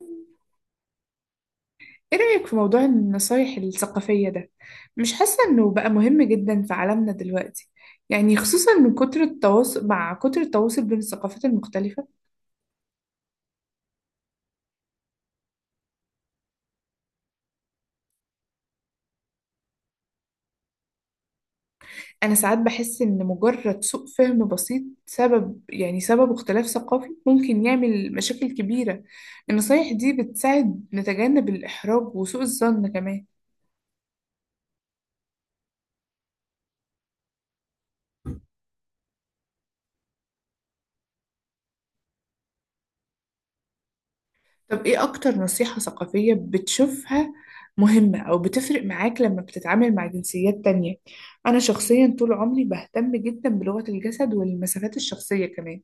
ايه رأيك في موضوع النصايح الثقافية ده؟ مش حاسة انه بقى مهم جدا في عالمنا دلوقتي، يعني خصوصا من كتر التواصل، بين الثقافات المختلفة. انا ساعات بحس ان مجرد سوء فهم بسيط سبب، يعني اختلاف ثقافي ممكن يعمل مشاكل كبيرة. النصايح دي بتساعد نتجنب الإحراج وسوء الظن كمان. طب ايه اكتر نصيحة ثقافية بتشوفها مهمة او بتفرق معاك لما بتتعامل مع جنسيات تانية؟ انا شخصيا طول عمري بهتم جدا بلغة الجسد والمسافات الشخصية كمان.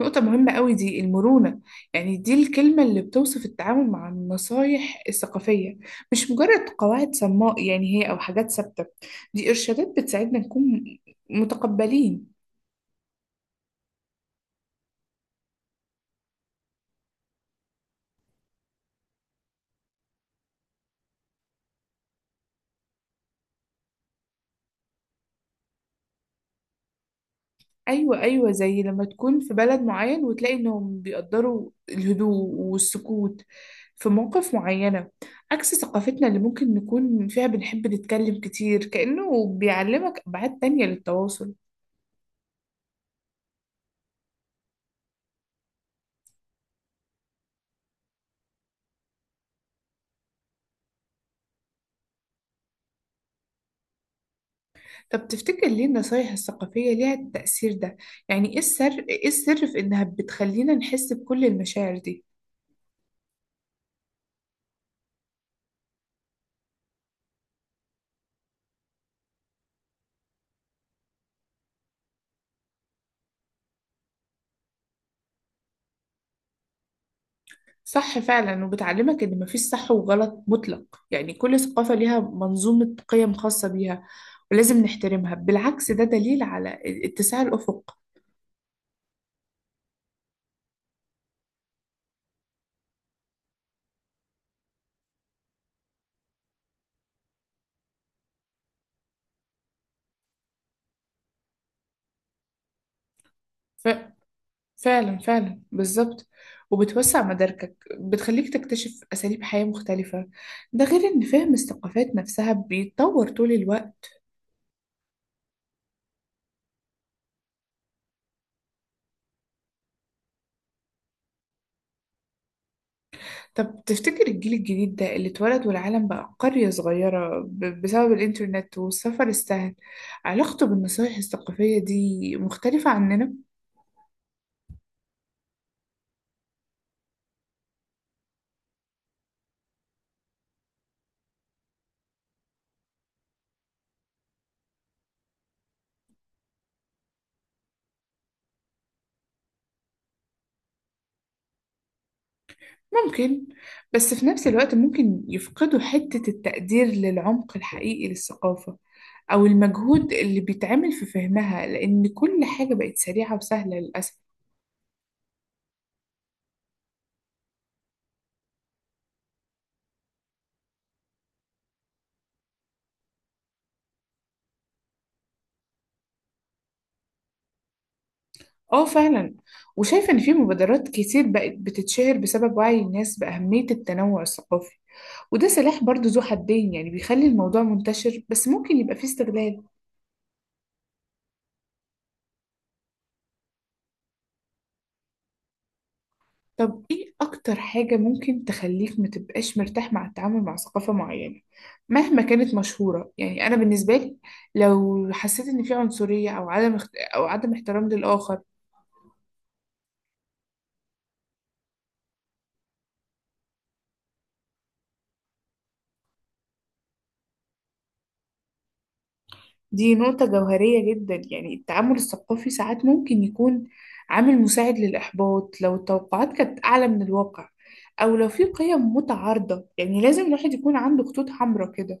نقطة مهمة قوي دي، المرونة. يعني دي الكلمة اللي بتوصف التعامل مع النصايح الثقافية، مش مجرد قواعد صماء يعني هي او حاجات ثابتة، دي ارشادات بتساعدنا نكون متقبلين. ايوه ايوه، زي لما تكون في بلد معين وتلاقي انهم بيقدروا الهدوء والسكوت في مواقف معينة، عكس ثقافتنا اللي ممكن نكون فيها بنحب نتكلم كتير، كأنه بيعلمك أبعاد تانية للتواصل. طب تفتكر ليه النصايح الثقافية ليها التأثير ده؟ يعني ايه السر، في انها بتخلينا نحس بكل المشاعر دي؟ صح فعلا، وبتعلمك ان مفيش صح وغلط مطلق، يعني كل ثقافة ليها منظومة قيم خاصة بيها ولازم نحترمها، بالعكس ده دليل على اتساع الأفق. ف... فعلا فعلا بالظبط، وبتوسع مداركك، بتخليك تكتشف أساليب حياة مختلفة، ده غير ان فهم الثقافات نفسها بيتطور طول الوقت. طب تفتكر الجيل الجديد ده اللي اتولد والعالم بقى قرية صغيرة بسبب الإنترنت والسفر السهل، علاقته بالنصايح الثقافية دي مختلفة عننا؟ ممكن، بس في نفس الوقت ممكن يفقدوا حتة التقدير للعمق الحقيقي للثقافة أو المجهود اللي بيتعمل في فهمها، لأن كل حاجة بقت سريعة وسهلة للأسف. اه فعلا، وشايفة إن في مبادرات كتير بقت بتتشهر بسبب وعي الناس بأهمية التنوع الثقافي، وده سلاح برضو ذو حدين، يعني بيخلي الموضوع منتشر بس ممكن يبقى فيه استغلال. طب ايه اكتر حاجة ممكن تخليك متبقاش مرتاح مع التعامل مع ثقافة معينة مهما كانت مشهورة؟ يعني انا بالنسبة لي، لو حسيت ان في عنصرية او عدم او عدم احترام للآخر. دي نقطة جوهرية جدا، يعني التعامل الثقافي ساعات ممكن يكون عامل مساعد للإحباط لو التوقعات كانت أعلى من الواقع، أو لو في قيم متعارضة، يعني لازم الواحد يكون عنده خطوط حمراء كده.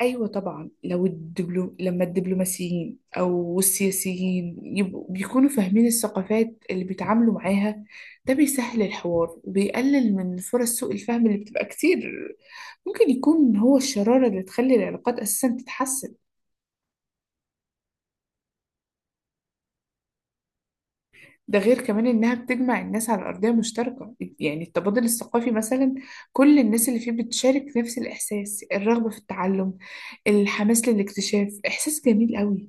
أيوة طبعا، لما الدبلوماسيين أو السياسيين يبقوا بيكونوا فاهمين الثقافات اللي بيتعاملوا معاها، ده بيسهل الحوار وبيقلل من فرص سوء الفهم اللي بتبقى كتير، ممكن يكون هو الشرارة اللي تخلي العلاقات أساسا تتحسن. ده غير كمان إنها بتجمع الناس على أرضية مشتركة، يعني التبادل الثقافي مثلا، كل الناس اللي فيه بتشارك نفس الإحساس، الرغبة في التعلم، الحماس للاكتشاف، إحساس جميل قوي.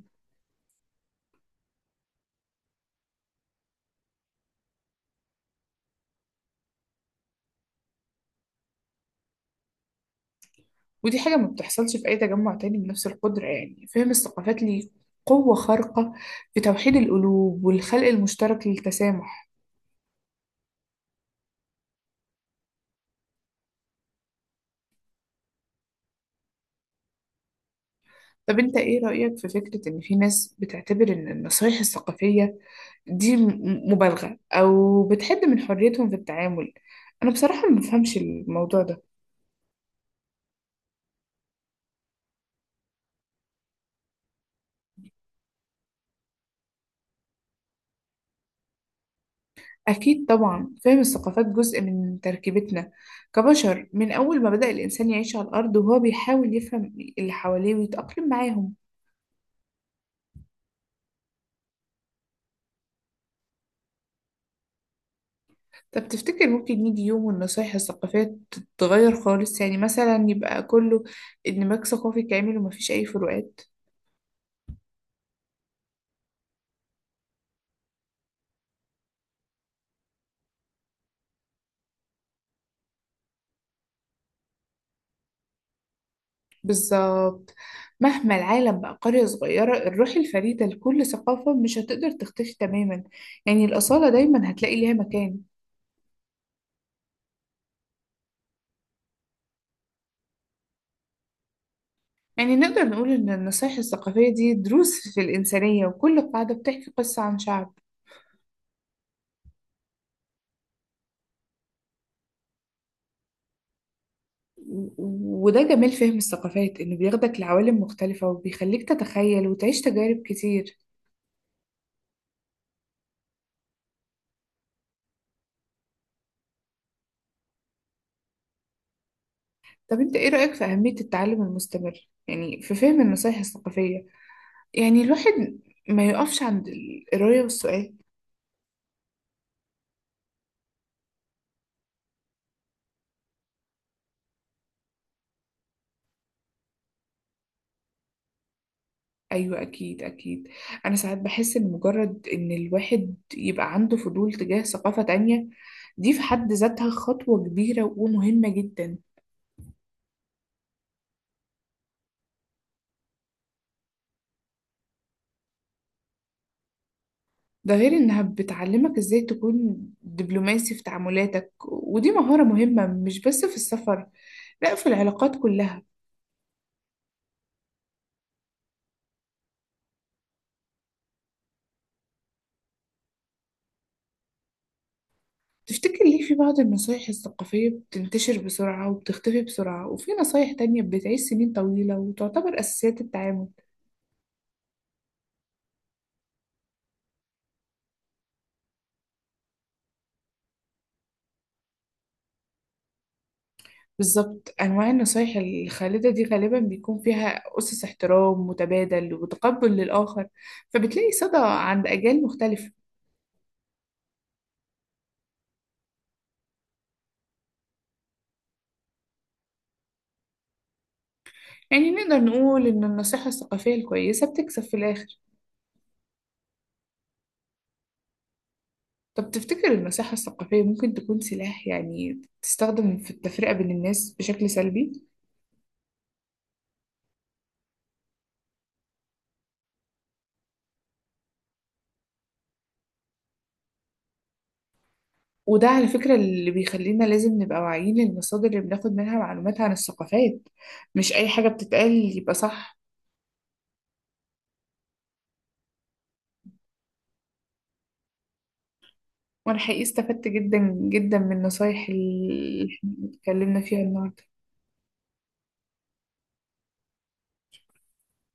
ودي حاجة ما بتحصلش في أي تجمع تاني بنفس القدرة، يعني فهم الثقافات ليه قوة خارقة في توحيد القلوب والخلق المشترك للتسامح. طب أنت إيه رأيك في فكرة إن في ناس بتعتبر إن النصايح الثقافية دي مبالغة أو بتحد من حريتهم في التعامل؟ أنا بصراحة ما بفهمش الموضوع ده. أكيد طبعا، فهم الثقافات جزء من تركيبتنا كبشر، من أول ما بدأ الإنسان يعيش على الأرض وهو بيحاول يفهم اللي حواليه ويتأقلم معاهم. طب تفتكر ممكن يجي يوم والنصايح الثقافية تتغير خالص، يعني مثلا يبقى كله اندماج ثقافي كامل ومفيش أي فروقات؟ بالظبط، مهما العالم بقى قرية صغيرة، الروح الفريدة لكل ثقافة مش هتقدر تختفي تماما، يعني الأصالة دايما هتلاقي ليها مكان. يعني نقدر نقول إن النصايح الثقافية دي دروس في الإنسانية، وكل قاعدة بتحكي قصة عن شعب. وده جمال فهم الثقافات، إنه بياخدك لعوالم مختلفة وبيخليك تتخيل وتعيش تجارب كتير. طب انت ايه رأيك في أهمية التعلم المستمر يعني في فهم النصايح الثقافية؟ يعني الواحد ما يقفش عند القراية والسؤال. ايوه اكيد اكيد، انا ساعات بحس ان مجرد ان الواحد يبقى عنده فضول تجاه ثقافة تانية، دي في حد ذاتها خطوة كبيرة ومهمة جدا. ده غير انها بتعلمك ازاي تكون دبلوماسي في تعاملاتك، ودي مهارة مهمة مش بس في السفر، لا في العلاقات كلها. تفتكر ليه في بعض النصايح الثقافية بتنتشر بسرعة وبتختفي بسرعة، وفي نصايح تانية بتعيش سنين طويلة وتعتبر أساسيات التعامل؟ بالظبط، أنواع النصايح الخالدة دي غالبا بيكون فيها أسس احترام متبادل وتقبل للآخر، فبتلاقي صدى عند أجيال مختلفة. يعني نقدر نقول إن النصيحة الثقافية الكويسة بتكسب في الآخر. طب تفتكر النصيحة الثقافية ممكن تكون سلاح، يعني تستخدم في التفرقة بين الناس بشكل سلبي؟ وده على فكرة اللي بيخلينا لازم نبقى واعيين للمصادر اللي بناخد منها معلومات عن الثقافات، مش أي حاجة بتتقال يبقى صح. وأنا حقيقي استفدت جدا جدا من النصايح اللي إحنا اتكلمنا فيها النهاردة.